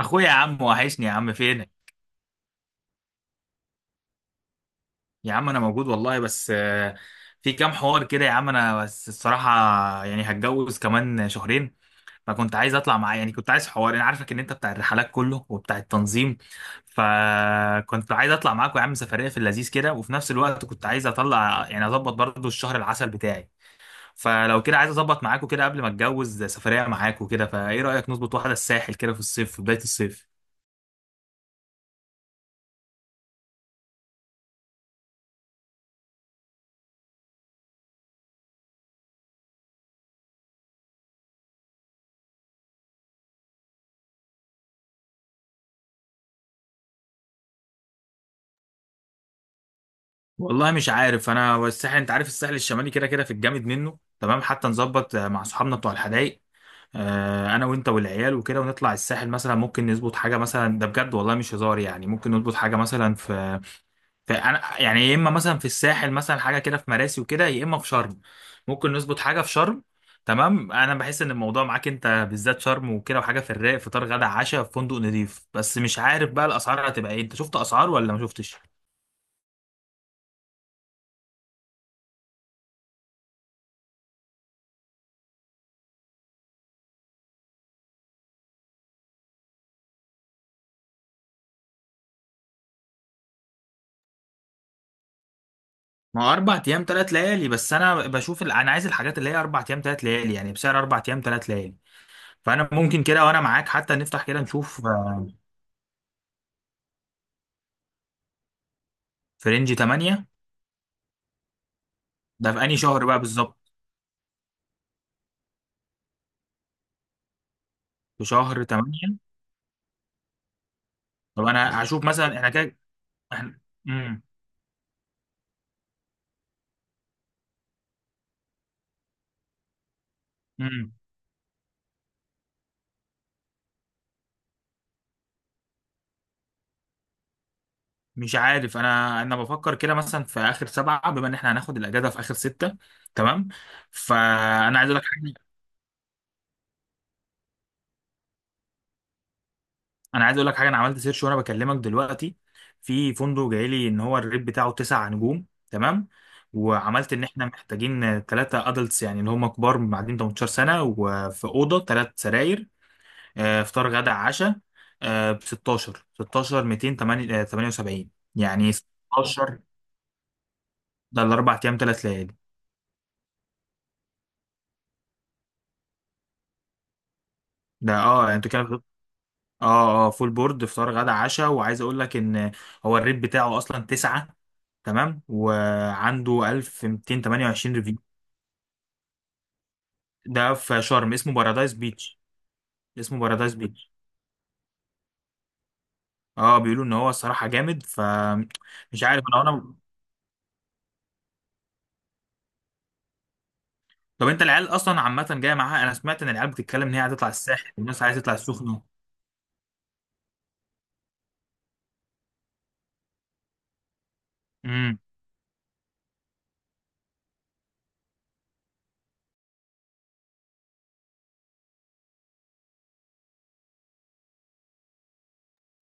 اخويا يا عم وحشني يا عم فينك. يا عم انا موجود والله، بس في كام حوار كده يا عم، انا بس الصراحه يعني هتجوز كمان شهرين، فكنت عايز اطلع معايا. يعني كنت عايز حوار، انا عارفك ان انت بتاع الرحلات كله وبتاع التنظيم، فكنت عايز اطلع معاك يا عم سفريه في اللذيذ كده، وفي نفس الوقت كنت عايز اطلع يعني اظبط برضو الشهر العسل بتاعي. فلو كده عايز اظبط معاكوا كده قبل ما اتجوز سفريه معاكوا كده. فايه رايك نظبط واحده الساحل كده في الصيف، في بدايه الصيف؟ والله مش عارف، انا والساحل انت عارف، الساحل الشمالي كده كده في الجامد منه، تمام، حتى نظبط مع صحابنا بتوع الحدايق. انا وانت والعيال وكده ونطلع الساحل مثلا، ممكن نظبط حاجه مثلا، ده بجد والله مش هزار، يعني ممكن نظبط حاجه مثلا في انا يعني، يا اما مثلا في الساحل مثلا حاجه كده في مراسي وكده، يا اما في شرم، ممكن نظبط حاجه في شرم. تمام، انا بحس ان الموضوع معاك انت بالذات شرم وكده وحاجه في الرايق، فطار غدا عشاء في فندق نضيف، بس مش عارف بقى الاسعار هتبقى ايه، انت شفت اسعار ولا ما شفتش؟ ما هو اربع ايام ثلاث ليالي، بس انا بشوف انا عايز الحاجات اللي هي اربع ايام ثلاث ليالي يعني بسعر اربع ايام ثلاث ليالي. فانا ممكن كده وانا معاك حتى نفتح كده نشوف في رينج 8. ده في انهي شهر بقى بالظبط؟ في شهر 8. طب انا هشوف مثلا احنا كده. احنا امم امم مش عارف، انا بفكر كده مثلا في اخر سبعة، بما ان احنا هناخد الاجازة في اخر ستة، تمام. فانا عايز اقول لك حاجة، انا عايز اقول لك حاجه، انا عملت سيرش وانا بكلمك دلوقتي، في فندق جاي لي ان هو الريت بتاعه تسع نجوم تمام، وعملت ان احنا محتاجين ثلاثه ادلتس يعني اللي هم كبار معدين 18 سنه، وفي اوضه ثلاث سراير. فطار غدا عشاء ب 16 16 278. يعني 16 ده الاربع ايام ثلاث ليالي. ده اه يعني انتوا كده. اه، اه، فول بورد، فطار غدا عشاء. وعايز اقول لك ان هو الريت بتاعه اصلا 9، تمام، وعنده 1228 ريفيو. ده في شرم اسمه بارادايس بيتش. اسمه بارادايس بيتش. اه، بيقولوا ان هو الصراحه جامد. ف مش عارف انا. انا طب انت العيال اصلا عامه جايه معاها؟ انا سمعت ان العيال بتتكلم ان هي عايزه تطلع الساحل، والناس عايزه تطلع السخنه. امم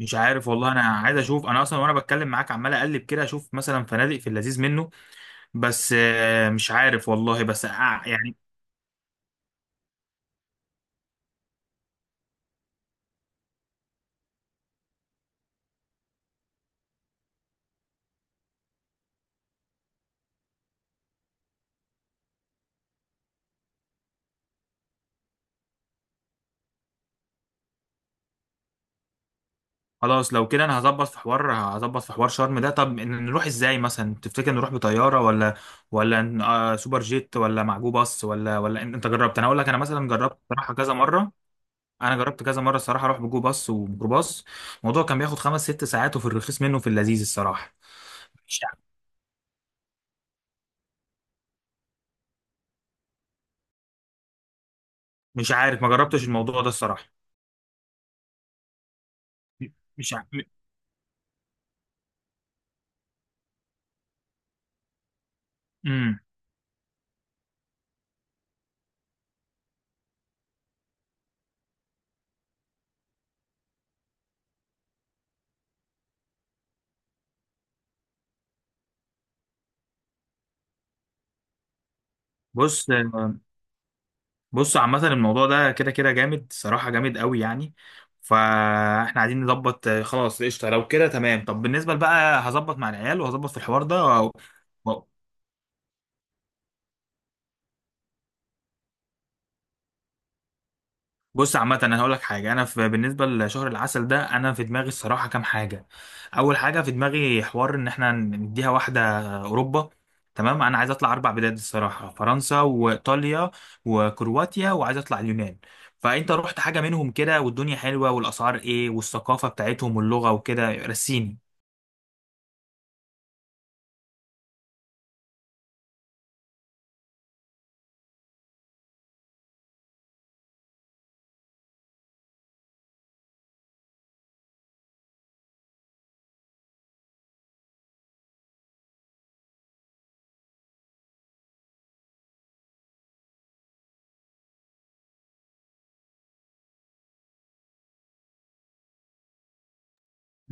مش عارف والله، انا عايز اشوف، انا اصلا وانا بتكلم معاك عمال اقلب كده اشوف مثلا فنادق في اللذيذ منه. بس مش عارف والله، بس يعني، خلاص لو كده انا هظبط في حوار، هظبط في حوار شرم ده. طب نروح ازاي مثلا تفتكر؟ نروح بطياره، ولا ولا سوبر جيت، ولا معجو باص، ولا انت جربت؟ انا اقول لك انا مثلا جربت صراحه كذا مره، انا جربت كذا مره الصراحه اروح بجو باص وميكروباص، الموضوع كان بياخد خمس ست ساعات، وفي الرخيص منه في اللذيذ الصراحه. مش ع- مش عارف، ما جربتش الموضوع ده الصراحه. مش عارف. امم بص بص عامة الموضوع ده كده كده جامد صراحة، جامد قوي يعني. فاحنا عايزين نظبط خلاص قشطة لو كده تمام. طب بالنسبة بقى، هظبط مع العيال وهظبط في الحوار ده. و... بص عامة انا هقول لك حاجة، انا في بالنسبة لشهر العسل ده انا في دماغي الصراحة كام حاجة. اول حاجة في دماغي حوار ان احنا نديها واحدة اوروبا. تمام، انا عايز اطلع اربع بلاد الصراحة، فرنسا وايطاليا وكرواتيا، وعايز اطلع اليونان. فانت رحت حاجة منهم كده؟ والدنيا حلوة؟ والاسعار ايه؟ والثقافة بتاعتهم واللغة وكده، رسيني.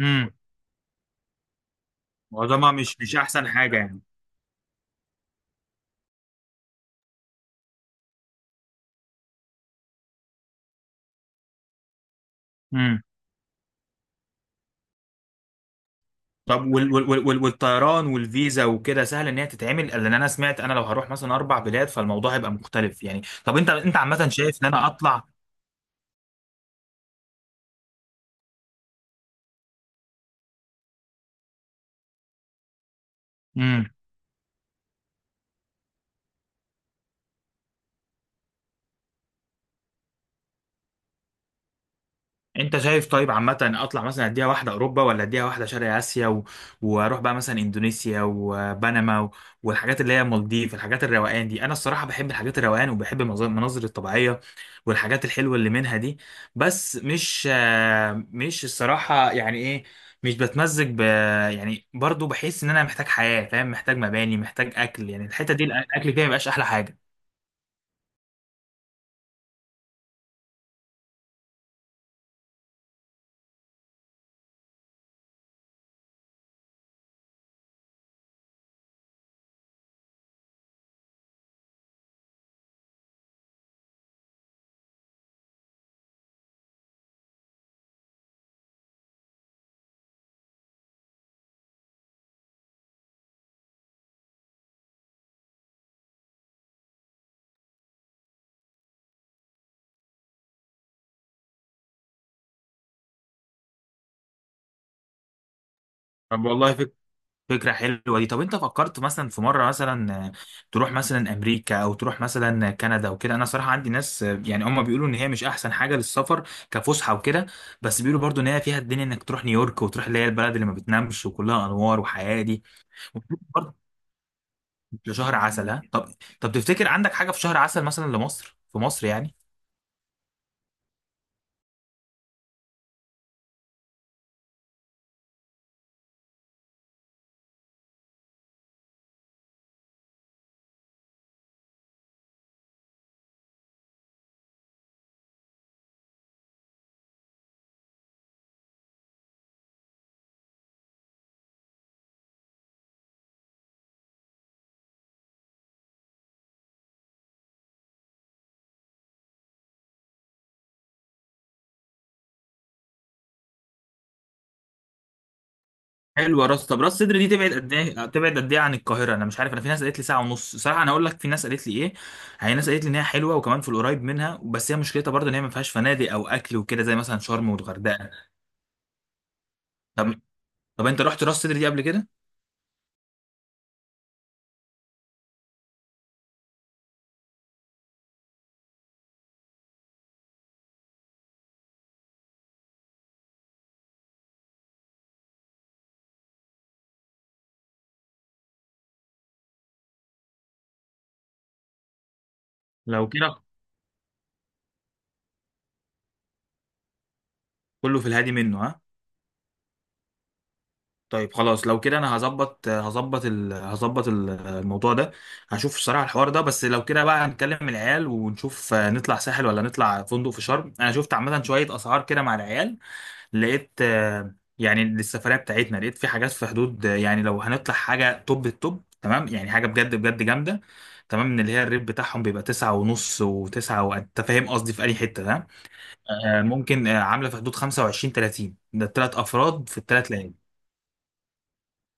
امم معظمها مش احسن حاجة يعني. طب والطيران والفيزا وكده سهل ان هي تتعمل؟ لان انا سمعت انا لو هروح مثلا اربع بلاد، فالموضوع هيبقى مختلف يعني. طب انت، انت عامه شايف ان انا اطلع، انت شايف؟ طيب عامة اطلع مثلا اديها واحدة اوروبا، ولا اديها واحدة شرق اسيا واروح بقى مثلا اندونيسيا وبنما والحاجات اللي هي مالديف، الحاجات الروقان دي. انا الصراحة بحب الحاجات الروقان، وبحب المناظر الطبيعية، والحاجات الحلوة اللي منها دي. بس مش مش الصراحة يعني ايه، مش بتمزج ب، يعني برضو بحس ان انا محتاج حياة فاهم، محتاج مباني، محتاج اكل. يعني الحتة دي الاكل فيها مبقاش احلى حاجة. طب والله، فكرة حلوة دي. طب انت فكرت مثلا في مرة مثلا تروح مثلا امريكا، او تروح مثلا كندا وكده؟ انا صراحة عندي ناس يعني هم بيقولوا ان هي مش احسن حاجة للسفر كفسحة وكده، بس بيقولوا برضو ان هي فيها الدنيا، انك تروح نيويورك، وتروح اللي هي البلد اللي ما بتنامش وكلها انوار وحياة دي. وبرضه شهر عسل، ها؟ طب، طب تفتكر عندك حاجة في شهر عسل مثلا لمصر، في مصر يعني؟ حلوه راس، طب راس صدر دي تبعد قد ايه؟ تبعد قد ايه عن القاهره؟ انا مش عارف، انا في ناس قالت لي ساعه ونص صراحه، انا اقول لك في ناس قالت لي ايه. هي ناس قالت لي ان هي حلوه وكمان في القريب منها، بس هي مشكلتها برضه ان هي ما فيهاش فنادق او اكل وكده زي مثلا شرم والغردقه. طب طب انت رحت راس صدر دي قبل كده؟ لو كده كله في الهادي منه، ها؟ طيب خلاص لو كده انا هظبط، هظبط هظبط الموضوع ده، هشوف الصراحه الحوار ده. بس لو كده بقى هنكلم العيال ونشوف نطلع ساحل ولا نطلع فندق في شرم. انا شفت عامه شويه اسعار كده مع العيال، لقيت يعني للسفرية بتاعتنا، لقيت في حاجات في حدود يعني لو هنطلع حاجة توب التوب تمام، يعني حاجة بجد بجد جامدة تمام، من اللي هي الريت بتاعهم بيبقى تسعة ونص وتسعة، وانت فاهم قصدي في أي حتة ده. ممكن عاملة في حدود خمسة وعشرين تلاتين، ده التلات أفراد في التلات ليالي.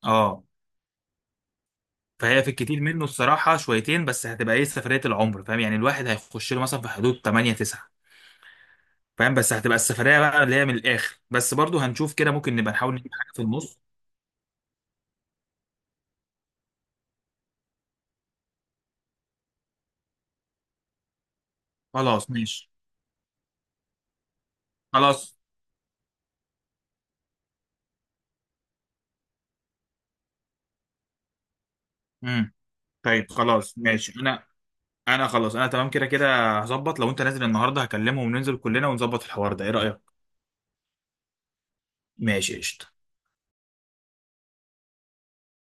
اه، فهي في الكتير منه الصراحة شويتين، بس هتبقى ايه سفرية العمر فاهم، يعني الواحد هيخش له مثلا في حدود 8 9، فاهم، بس هتبقى السفرية بقى اللي هي من الآخر. بس برضو هنشوف كده، ممكن نبقى نحاول نجيب حاجة في النص. خلاص ماشي. خلاص. امم طيب خلاص ماشي، انا انا خلاص، انا تمام كده كده، هظبط. لو انت نازل النهارده هكلمهم، ننزل كلنا ونظبط الحوار ده، ايه رأيك؟ ماشي، قشطة.